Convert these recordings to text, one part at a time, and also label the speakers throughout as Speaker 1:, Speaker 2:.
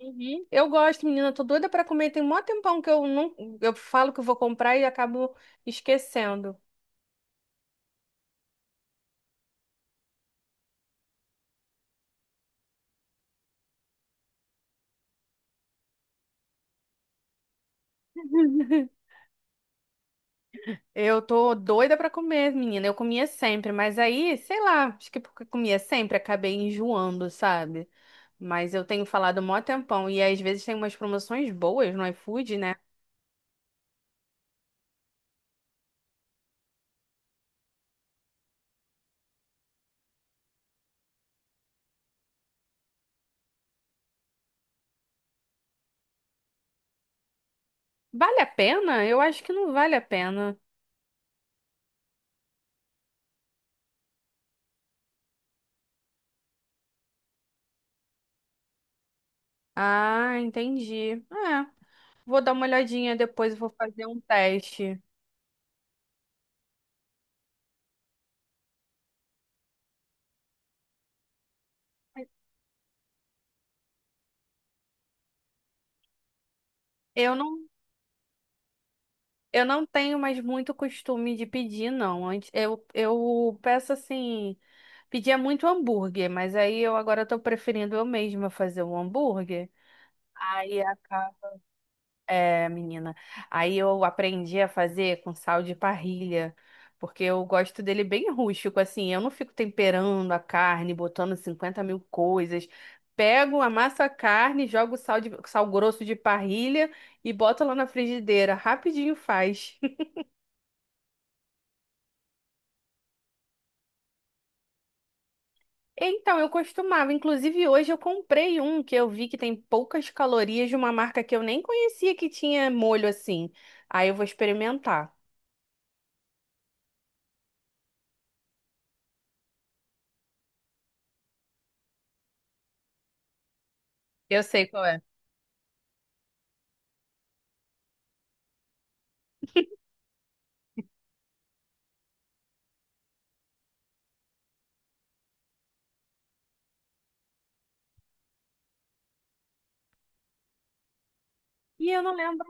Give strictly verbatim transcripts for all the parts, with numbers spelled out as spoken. Speaker 1: Uhum. Eu gosto, menina, tô doida pra comer. Tem mó tempão que eu não, eu falo que eu vou comprar e acabo esquecendo. Eu tô doida pra comer, menina. Eu comia sempre, mas aí, sei lá, acho que porque comia sempre, acabei enjoando, sabe? Mas eu tenho falado mó tempão e às vezes tem umas promoções boas no iFood, né? Vale a pena? Eu acho que não vale a pena. Ah, entendi. É, vou dar uma olhadinha depois, eu vou fazer um teste. Eu não Eu não tenho mais muito costume de pedir, não. Antes eu, eu peço assim, pedia muito hambúrguer, mas aí eu agora tô preferindo eu mesma fazer o hambúrguer. Aí a é, menina. Aí eu aprendi a fazer com sal de parrilha, porque eu gosto dele bem rústico, assim. Eu não fico temperando a carne, botando cinquenta mil coisas. Pego, amasso a carne, jogo sal de, sal grosso de parrilha e boto lá na frigideira. Rapidinho faz. Então, eu costumava. Inclusive, hoje eu comprei um que eu vi que tem poucas calorias de uma marca que eu nem conhecia que tinha molho assim. Aí eu vou experimentar. Eu sei qual é. E eu não lembro.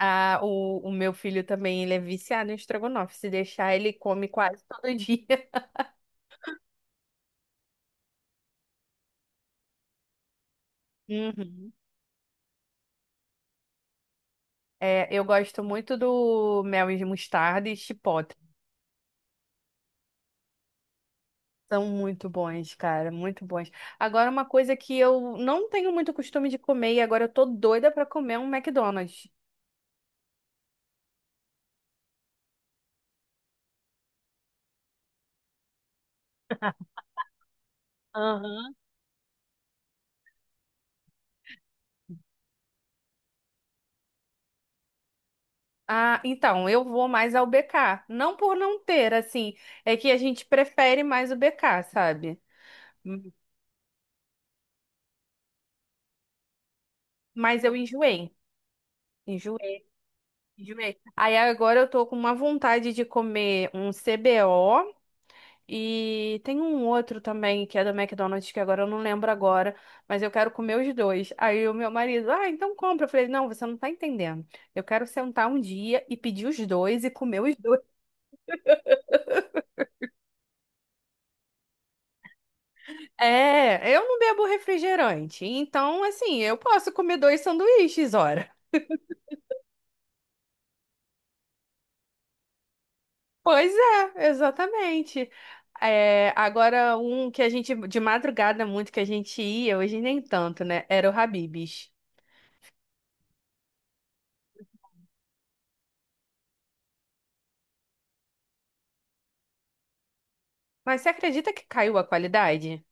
Speaker 1: Ah, o, o meu filho também, ele é viciado em estrogonofe. Se deixar, ele come quase todo dia. Uhum. É, eu gosto muito do mel e mostarda e chipotle. São muito bons, cara, muito bons. Agora, uma coisa que eu não tenho muito costume de comer e agora eu tô doida pra comer é um McDonald's. Aham. Ah, então, eu vou mais ao B K. Não por não ter, assim, é que a gente prefere mais o B K, sabe? Hum. Mas eu enjoei. Enjoei, enjoei. Aí agora eu tô com uma vontade de comer um C B O e tem um outro também que é do McDonald's, que agora eu não lembro agora, mas eu quero comer os dois. Aí o meu marido, ah, então compra. Eu falei, não, você não tá entendendo. Eu quero sentar um dia e pedir os dois e comer os dois. É, eu não bebo refrigerante, então assim, eu posso comer dois sanduíches, ora. Pois é, exatamente. É, agora um que a gente de madrugada muito que a gente ia, hoje nem tanto, né? Era o Habib's. Mas você acredita que caiu a qualidade?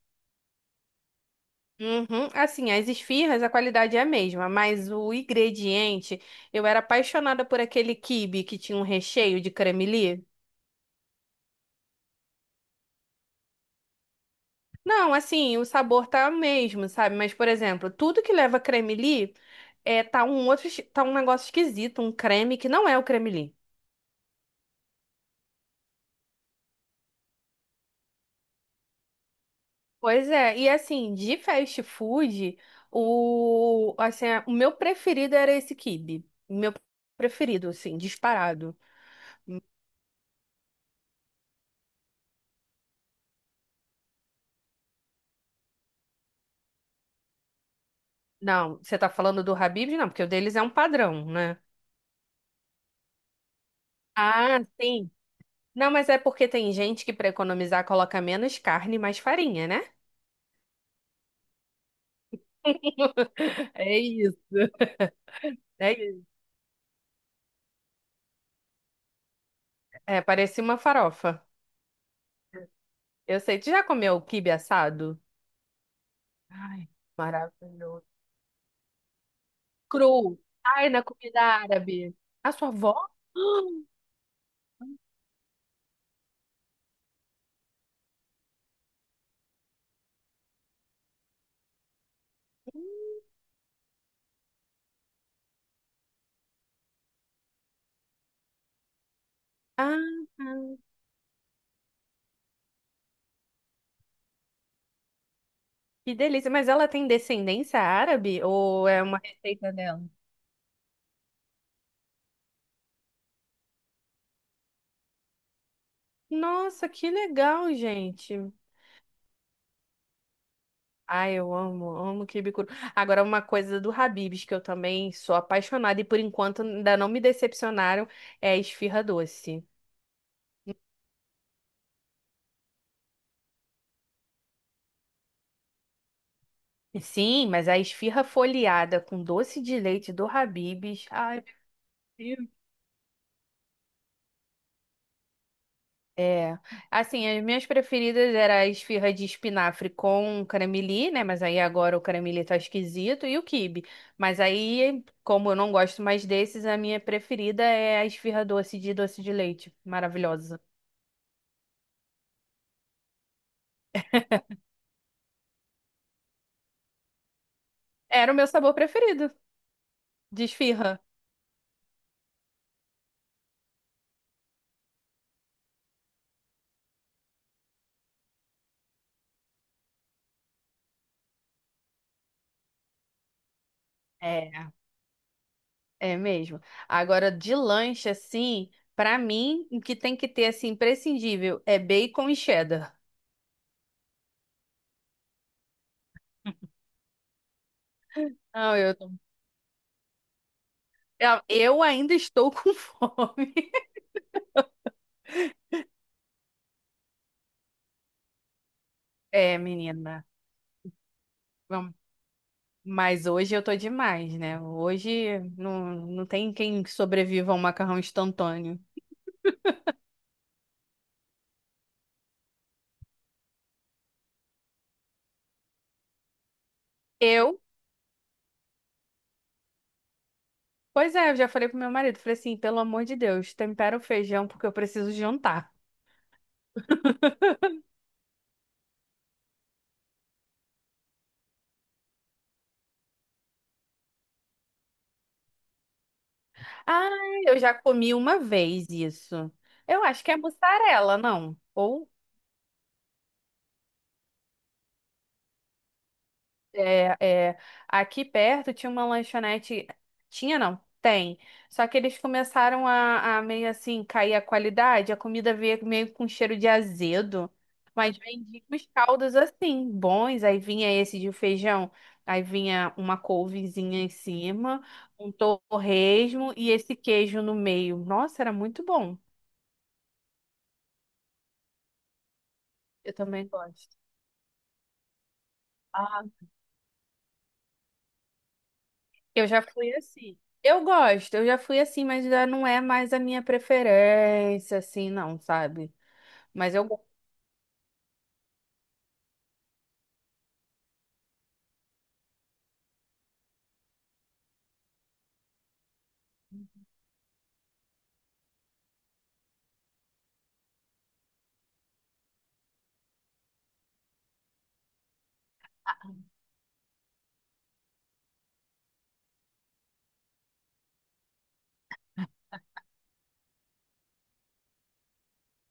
Speaker 1: Uhum. Assim, as esfirras, a qualidade é a mesma, mas o ingrediente, eu era apaixonada por aquele quibe que tinha um recheio de cremelie. Não, assim, o sabor tá o mesmo, sabe? Mas, por exemplo, tudo que leva creme-li é, tá um outro, es- tá um negócio esquisito, um creme que não é o creme-li. Pois é, e assim, de fast food, o, assim, o meu preferido era esse quibe. O Meu preferido, assim, disparado. Não, você tá falando do Habib's? Não, porque o deles é um padrão, né? Ah, sim. Não, mas é porque tem gente que pra economizar coloca menos carne e mais farinha, né? É isso. É É, parecia uma farofa. Eu sei. Tu já comeu quibe assado? Ai, Maravilhoso. Cru. Ai, na comida árabe. A sua avó? Ah, que delícia. Mas ela tem descendência árabe ou é uma receita dela? Nossa, que legal, gente. Ai, eu amo, amo quibe cru. Agora, uma coisa do Habib's que eu também sou apaixonada e por enquanto ainda não me decepcionaram é a esfirra doce. Sim, mas a esfirra folheada com doce de leite do Habib's. Ai, meu Deus. É. Assim, as minhas preferidas era a esfirra de espinafre com caramelie, né? Mas aí agora o caramelie tá esquisito e o quibe. Mas aí, como eu não gosto mais desses, a minha preferida é a esfirra doce de doce de leite. Maravilhosa. Era o meu sabor preferido de esfirra. É, é mesmo. Agora, de lanche, assim, pra mim, o que tem que ter, assim, imprescindível é bacon e cheddar. Não, eu tô... Eu eu ainda estou com fome. É, menina. Vamos. Mas hoje eu tô demais, né? Hoje não, não tem quem sobreviva a um macarrão instantâneo. Eu? Pois é, eu já falei pro meu marido. Falei assim, pelo amor de Deus, tempera o feijão porque eu preciso jantar. Ah, eu já comi uma vez isso. Eu acho que é mussarela, não? Ou É, é, aqui perto tinha uma lanchonete. Tinha, não? Tem. Só que eles começaram a, a meio assim cair a qualidade, a comida veio meio com cheiro de azedo. Mas vendia uns caldos assim, bons. Aí vinha esse de feijão, aí vinha uma couvezinha em cima, um torresmo e esse queijo no meio. Nossa, era muito bom. Eu também gosto. Eu já fui assim. Eu gosto, eu já fui assim, mas já não é mais a minha preferência, assim, não, sabe? Mas eu gosto.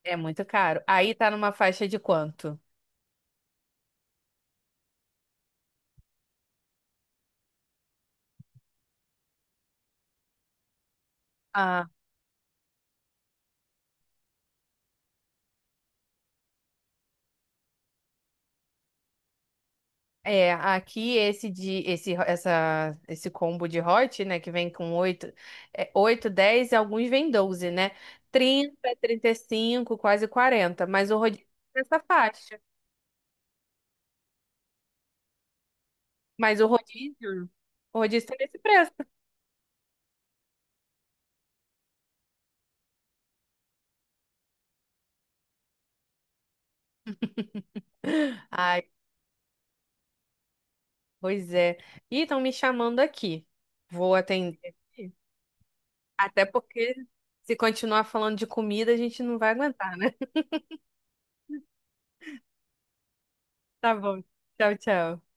Speaker 1: É muito caro. Aí tá numa faixa de quanto? Ah, é, aqui esse de esse essa esse combo de hot, né, que vem com oito, é, oito, dez e alguns vem doze, né? Trinta, trinta e cinco, quase quarenta. Mas o rodízio é nessa faixa. Mas o rodízio, o rodízio tá nesse preço. Ah, pois é. Ih, estão me chamando aqui. Vou atender aqui. Até porque se continuar falando de comida, a gente não vai aguentar. Tá bom. Tchau, tchau.